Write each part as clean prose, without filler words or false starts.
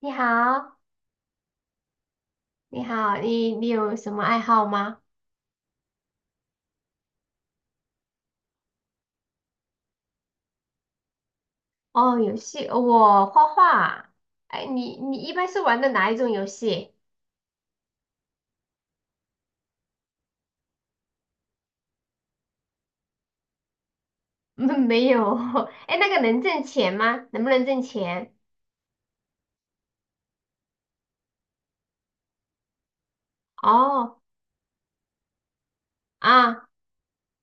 你好，你好，你有什么爱好吗？哦，游戏，我画画。哎，你一般是玩的哪一种游戏？没有。哎，那个能挣钱吗？能不能挣钱？哦，啊，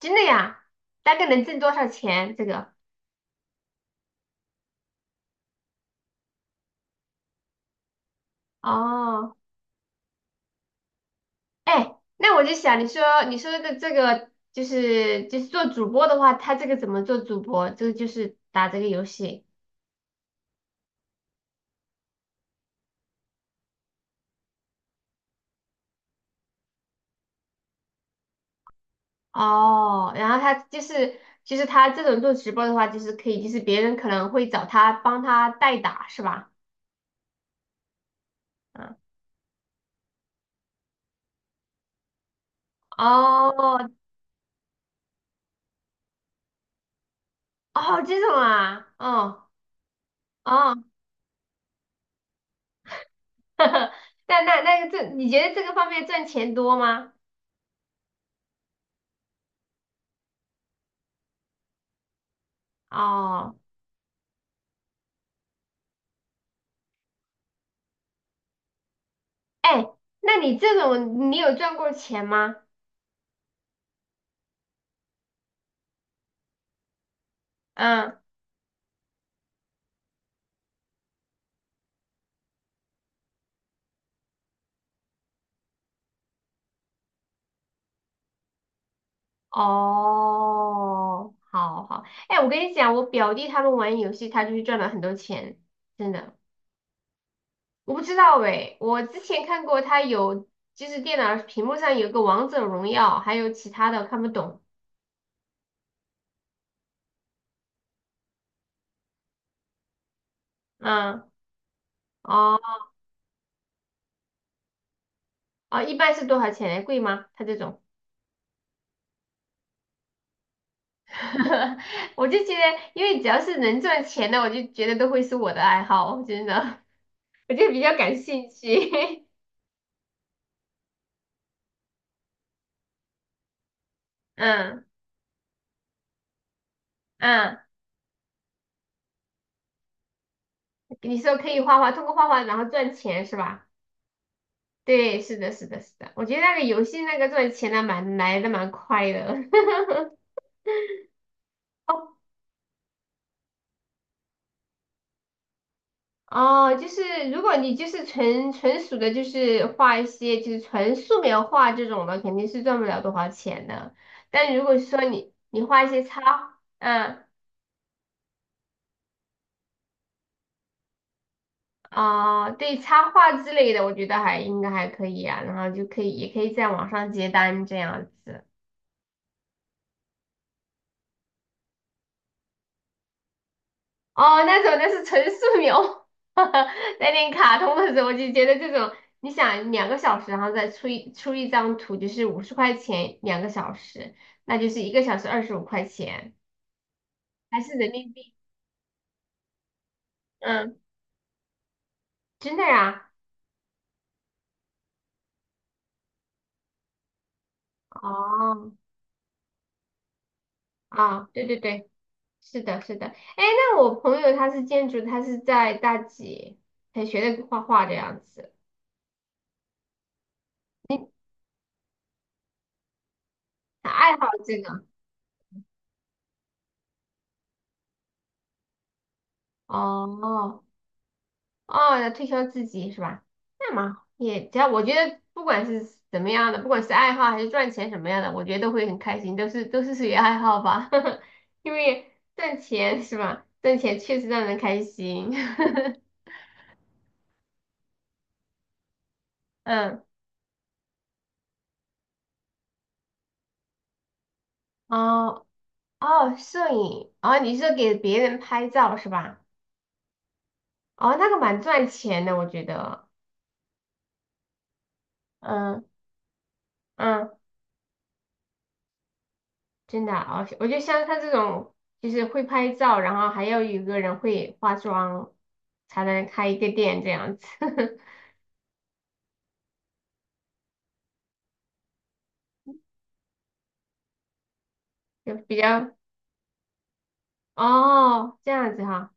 真的呀？大概能挣多少钱？这个？哦，哎，那我就想，你说你说的这个就是做主播的话，他这个怎么做主播？这个就是打这个游戏。哦，然后他就是他这种做直播的话，就是可以，就是别人可能会找他帮他代打，是吧？嗯，哦哦，这种啊，哦哦，那个这，你觉得这个方面赚钱多吗？哦，哎，那你这种你有赚过钱吗？嗯，哦，好好，哎，我跟你讲，我表弟他们玩游戏，他就是赚了很多钱，真的。我不知道诶，我之前看过他有，就是电脑屏幕上有个王者荣耀，还有其他的看不懂。嗯，哦哦，一般是多少钱？贵吗？他这种，我就觉得，因为只要是能赚钱的，我就觉得都会是我的爱好，真的，我就比较感兴趣。嗯嗯，你说可以画画，通过画画然后赚钱是吧？对，是的，是的，是的，我觉得那个游戏那个赚钱的蛮来的蛮快的。哦，就是如果你就是纯属的，就是画一些就是纯素描画这种的，肯定是赚不了多少钱的。但如果说你画一些插，嗯啊、对插画之类的，我觉得还应该还可以啊。然后就可以也可以在网上接单这样子。哦，那种那是纯素描，带点卡通的时候，我就觉得这种，你想两个小时，然后再出一张图，就是50块钱两个小时，那就是1个小时25块钱，还是人民币？嗯，真的呀？哦，啊，对对对，是的，是的。哎，那我朋友他是建筑，他是在大几才学的画画的样子，他爱好这个。哦哦，要推销自己是吧？那么也只要我觉得，不管是怎么样的，不管是爱好还是赚钱什么样的，我觉得都会很开心，都是属于爱好吧，因为赚钱是吧？赚钱确实让人开心。嗯，哦哦，摄影，哦，你是给别人拍照是吧？哦，那个蛮赚钱的，我觉得。嗯嗯。真的啊，我觉得像他这种，就是会拍照，然后还要有一个人会化妆，才能开一个店这样子，就比较哦这样子哈，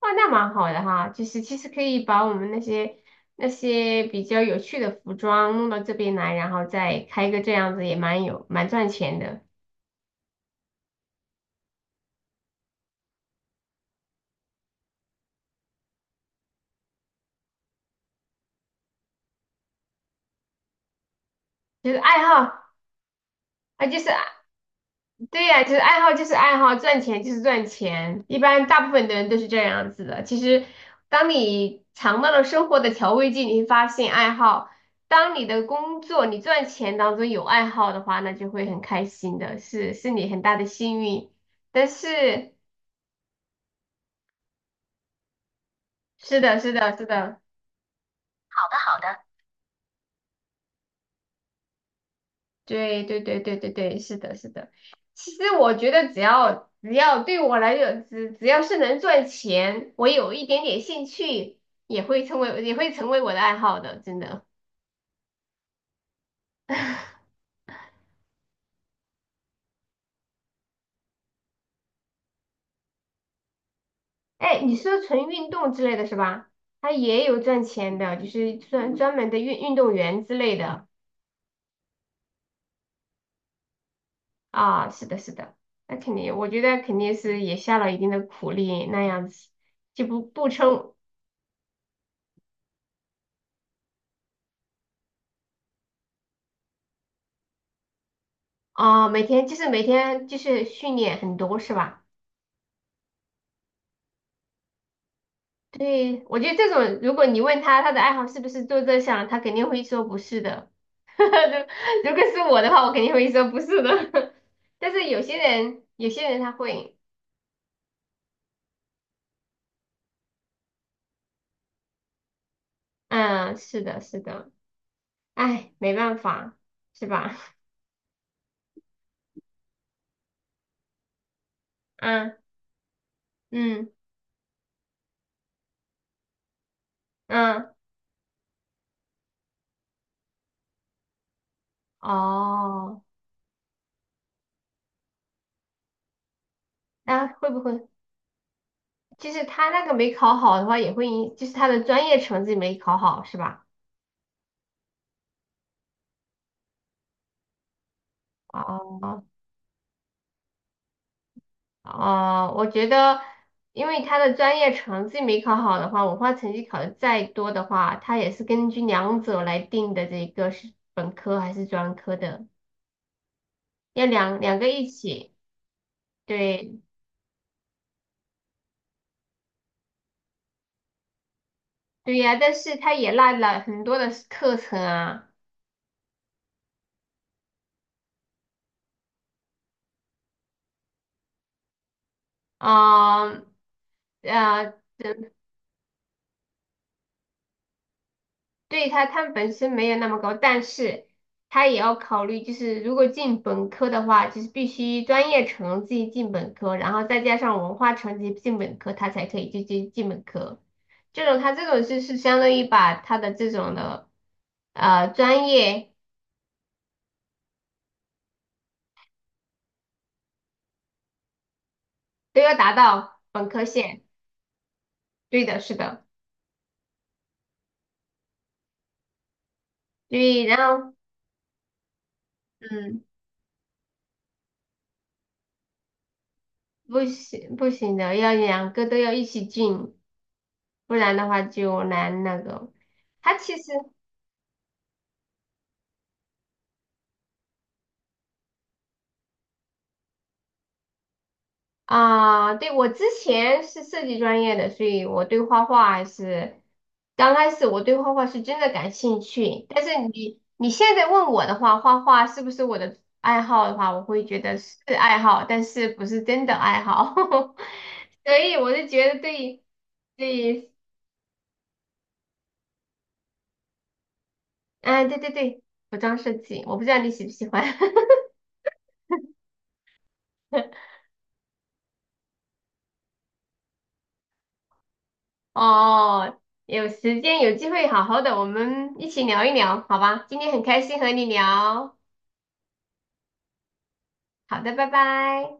哇，那蛮好的哈，就是其实可以把我们那些比较有趣的服装弄到这边来，然后再开一个这样子也蛮赚钱的，就是爱好啊，就是对呀，就是爱好就是爱好，赚钱就是赚钱。一般大部分的人都是这样子的。其实，当你尝到了生活的调味剂，你会发现爱好。当你的工作、你赚钱当中有爱好的话，那就会很开心的，是你很大的幸运。但是，是的，是的，是的。好的。对对对对对对，是的，是的。其实我觉得只要只要对我来讲，只要是能赚钱，我有一点点兴趣，也会成为我的爱好的，真的。哎，你说纯运动之类的是吧？他也有赚钱的，就是专门的运动员之类的啊。是的，是的，那肯定，我觉得肯定是也下了一定的苦力，那样子就不称啊，每天就是训练很多是吧？对，我觉得这种，如果你问他他的爱好是不是做这项，他肯定会说不是的。如如果是我的话，我肯定会说不是的。但是有些人，有些人他会，嗯，是的，是的，哎，没办法，是吧？嗯嗯嗯，哦，那会不会就是他那个没考好的话，也会影，就是他的专业成绩没考好，是吧？哦，哦，我觉得，因为他的专业成绩没考好的话，文化成绩考的再多的话，他也是根据两者来定的，这个是本科还是专科的，要两个一起。对，对呀，但是他也落了很多的课程啊，啊、啊。对他，它本身没有那么高，但是他也要考虑，就是如果进本科的话，就是必须专业成绩进本科，然后再加上文化成绩进本科，他才可以就进本科。他这种就是相当于把他的这种的专业都要达到本科线。对的，是的，对，然后嗯，不行不行的，要两个都要一起进，不然的话就难那个。他其实。啊，对，我之前是设计专业的，所以我对画画还是刚开始我对画画是真的感兴趣。但是你现在问我的话，画画是不是我的爱好的话，我会觉得是爱好，但是不是真的爱好。所以我就觉得对对，嗯，对对对，服装设计，我不知道你喜不喜欢。哦，有时间有机会好好的，我们一起聊一聊，好吧？今天很开心和你聊。好的，拜拜。